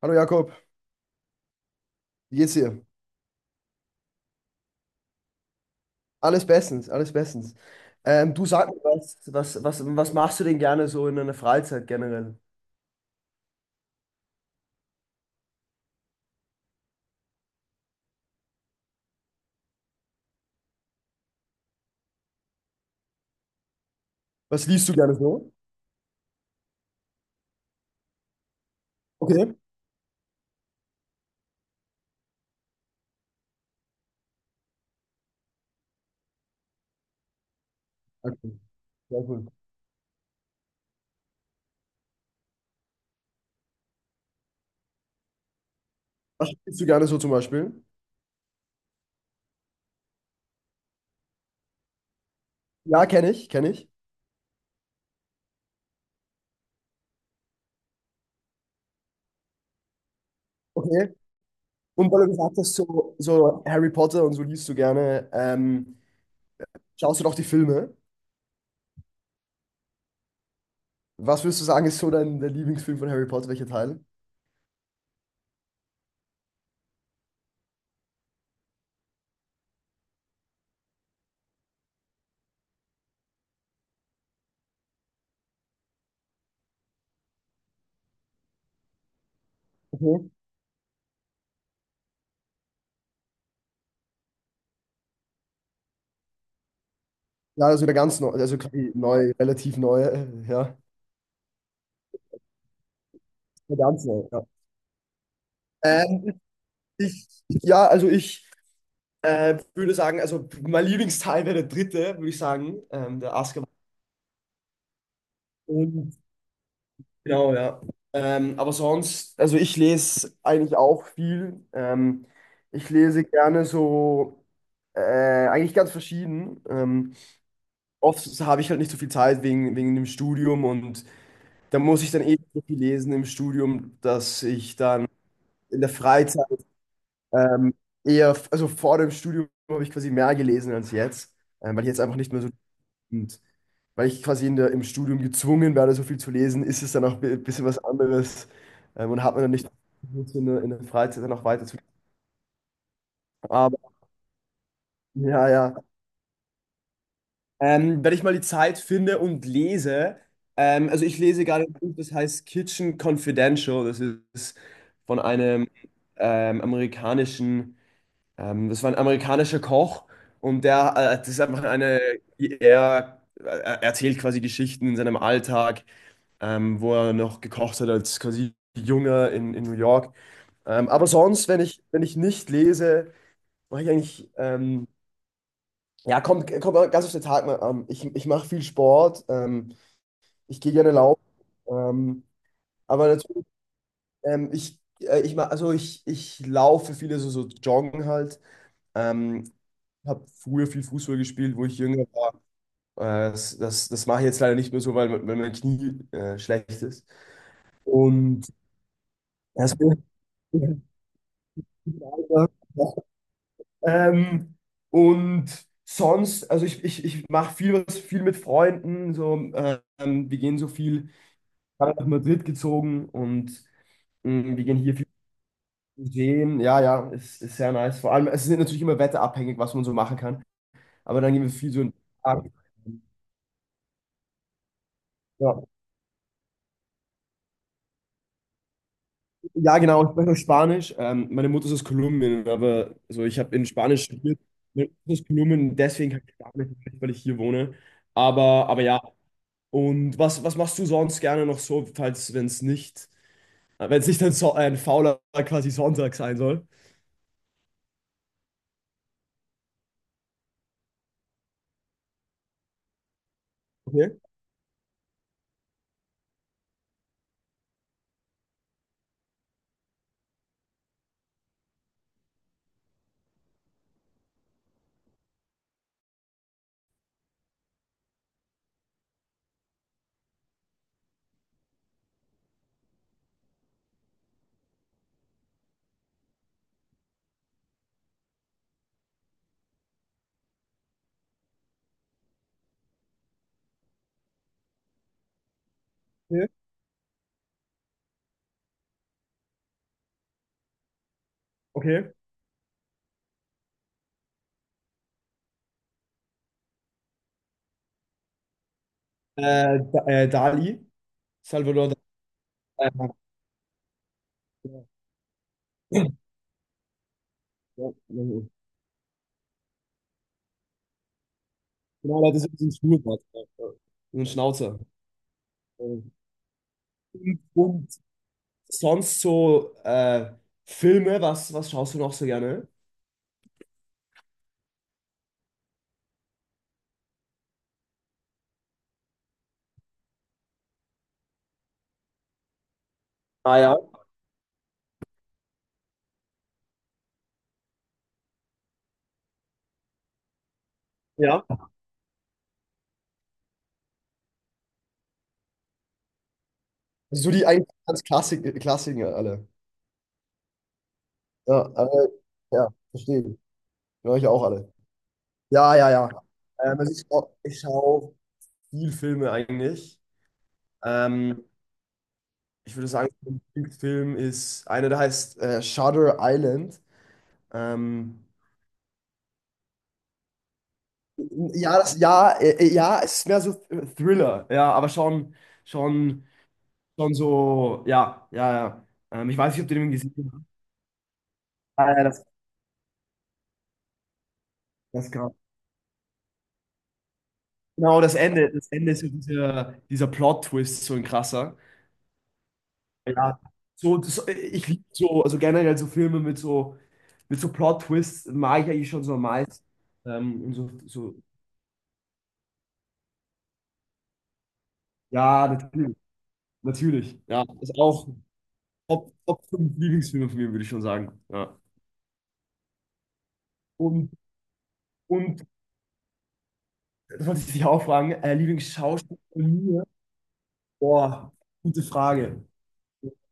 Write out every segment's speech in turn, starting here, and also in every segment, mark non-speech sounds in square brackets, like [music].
Hallo Jakob, wie geht's dir? Alles bestens, alles bestens. Du sag mir was machst du denn gerne so in deiner Freizeit generell? Was liest du gerne so? Okay. Okay, sehr cool. Was liest du gerne so zum Beispiel? Ja, kenne ich, kenne ich. Okay. Und weil du gesagt hast, so, so Harry Potter und so liest du gerne, schaust du doch die Filme. Was würdest du sagen, ist so dein, dein Lieblingsfilm von Harry Potter? Welcher Teil? Okay. Ja, also der ganz neue, also quasi neu, relativ neue, [laughs] ja. Der ganz neue, ja. Ähm, ich, würde sagen, also mein Lieblingsteil wäre der dritte, würde ich sagen, der Asker. Und genau, ja. Aber sonst, also ich lese eigentlich auch viel. Ich lese gerne so, äh, eigentlich ganz verschieden. Oft habe ich halt nicht so viel Zeit wegen dem Studium und da muss ich dann eh so viel lesen im Studium, dass ich dann in der Freizeit Ähm, eher, also vor dem Studium habe ich quasi mehr gelesen als jetzt, weil ich jetzt einfach nicht mehr so, und weil ich quasi in im Studium gezwungen werde, so viel zu lesen, ist es dann auch ein bisschen was anderes und hat man dann nicht in in der Freizeit dann auch weiter zu. Aber ja, ja. Wenn ich mal die Zeit finde und lese, also ich lese gerade ein Buch, das heißt Kitchen Confidential, das ist von einem amerikanischen. Das war ein amerikanischer Koch und das ist einfach eine, er erzählt quasi Geschichten in seinem Alltag, wo er noch gekocht hat als quasi Junger in New York. Aber sonst, wenn ich nicht lese, mache ich eigentlich, ja, kommt ganz auf den Tag mal an. Ich mache viel Sport, ich gehe gerne laufen, ähm, aber natürlich, ich, ich, ma- also ich laufe viele so, so joggen halt. Ähm, habe früher viel Fußball gespielt, wo ich jünger war. Äh, das mache ich jetzt leider nicht mehr so, weil, weil mein Knie schlecht ist. Und das [laughs] ähm, und sonst, also ich mache viel was viel mit Freunden. So, wir gehen so viel, gerade nach Madrid gezogen und mh, wir gehen hier viel sehen. Ja, ja, ist sehr nice. Vor allem, es ist natürlich immer wetterabhängig, was man so machen kann. Aber dann gehen wir viel so in den Park. Ja. Ja, genau, ich spreche auch Spanisch. Meine Mutter ist aus Kolumbien, aber also ich habe in Spanisch studiert. Meine Mutter ist aus Kolumbien, deswegen kann ich Spanisch, nicht, weil ich hier wohne. Aber ja, und was machst du sonst gerne noch so, falls, wenn es nicht, wenn es nicht ein, so ein fauler quasi Sonntag sein soll? Okay, okay, okay. Dali, Salvador Dali. Äh, ja, ja, ja. Genau, das ist ein Schnurrbart, so ein Schnauzer. Äh, Sonst so Filme, was schaust du noch so gerne? Ah ja, ja. So die eigentlich ganz Klassik Klassiker alle. Ja, aber, ja, verstehe. Höre ich auch alle. Ja, ja, ja. Also ich schau viel Filme eigentlich. Ähm, ich würde sagen, mein Lieblingsfilm ist einer, der heißt Shutter Island. Ähm, ja, ja, es ist mehr so Thriller, ja, aber schon, schon. Schon so, ja, ja, ja. Ich weiß nicht, ob du den gesehen hast. Ah, ja, das, das ist krass. Genau, das Ende ist so dieser, dieser Plot-Twist, so ein krasser. Ja, so, das, ich liebe so, also generell so Filme mit so Plot-Twists mag ich eigentlich schon so am meisten. Ähm, und so, so, ja, natürlich, natürlich. Ja, ist auch Top, Top 5 Lieblingsfilme von mir, würde ich schon sagen. Ja. Und, und das wollte ich dich auch fragen, Lieblingsschauspieler von mir? Boah, gute Frage.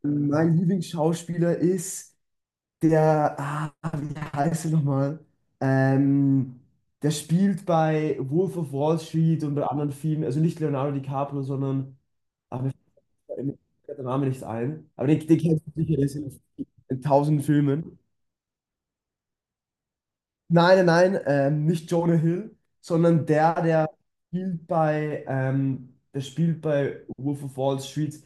Mein Lieblingsschauspieler ist der, ah, wie heißt er nochmal? Ähm, der spielt bei Wolf of Wall Street und bei anderen Filmen, also nicht Leonardo DiCaprio, sondern, aber mir fällt da der Name nicht ein. Aber den, den kennst du sicher, der ist in tausend Filmen. Nein, nein, nein, nicht Jonah Hill, sondern der spielt bei, der spielt bei Wolf of Wall Street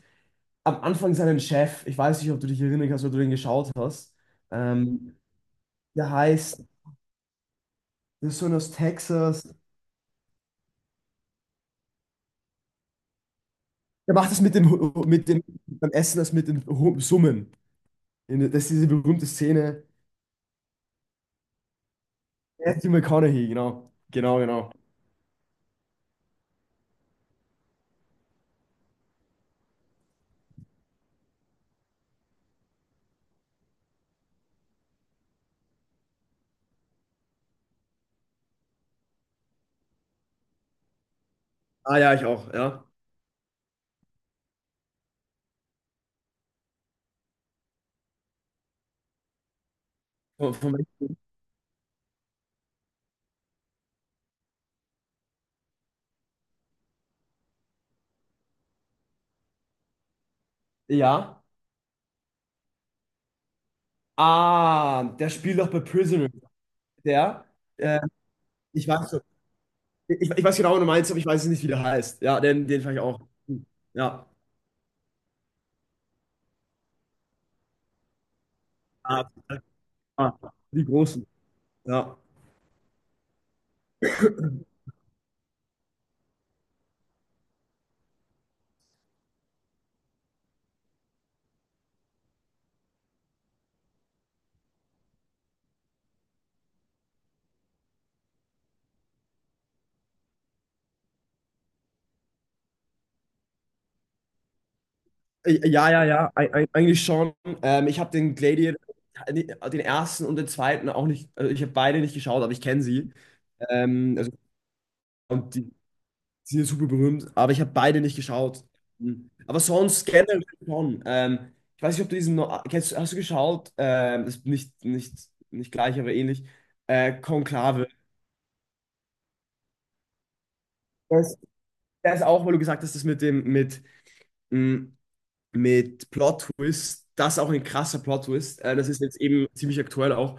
am Anfang seinen Chef, ich weiß nicht, ob du dich erinnern kannst, ob du den geschaut hast. Ähm, der heißt, der ist so aus Texas. Der macht das mit dem, mit dem, beim Essen, das mit den Summen. Das ist diese berühmte Szene. Matthew McConaughey, genau. Genau, genau. Ah ja, ich auch, ja. Von. Ja. Ah, der spielt doch bei Prisoner. Der, äh, ich weiß, so- ich weiß genau, was du meinst, aber ich weiß nicht, wie der heißt. Ja, den, den fand ich auch. Ja. Ah, ah, die Großen. Ja. Ja, ja, ja, eigentlich schon. Ich habe den Gladiator, den ersten und den zweiten auch nicht, also ich habe beide nicht geschaut, aber ich kenne sie. Ähm, also, und die, sie sind super berühmt, aber ich habe beide nicht geschaut. Mhm. Aber sonst generell schon. Ich weiß nicht, ob du diesen, kennst, hast du geschaut? Ist nicht, nicht, nicht gleich, aber ähnlich. Konklave. Das, das auch, weil du gesagt hast, das mit mit, mh, mit Plot-Twist. Das ist auch ein krasser Plot-Twist. Das ist jetzt eben ziemlich aktuell auch.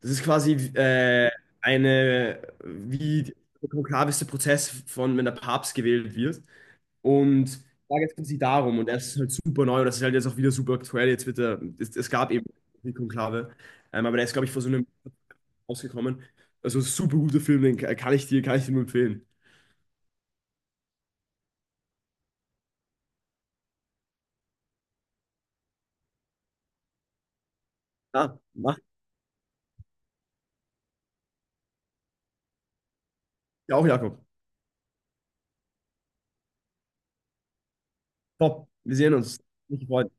Das ist quasi eine, wie der konklaveste Prozess von, wenn der Papst gewählt wird. Und da geht es darum. Und das ist halt super neu. Und das ist halt jetzt auch wieder super aktuell. Jetzt wird der, es gab eben die Konklave. Aber der ist, glaube ich, vor so einem rausgekommen. Also super guter Film, den kann ich dir nur empfehlen. Ja, mach ja auch, Jakob. Top. Wir sehen uns. Mich gefreut.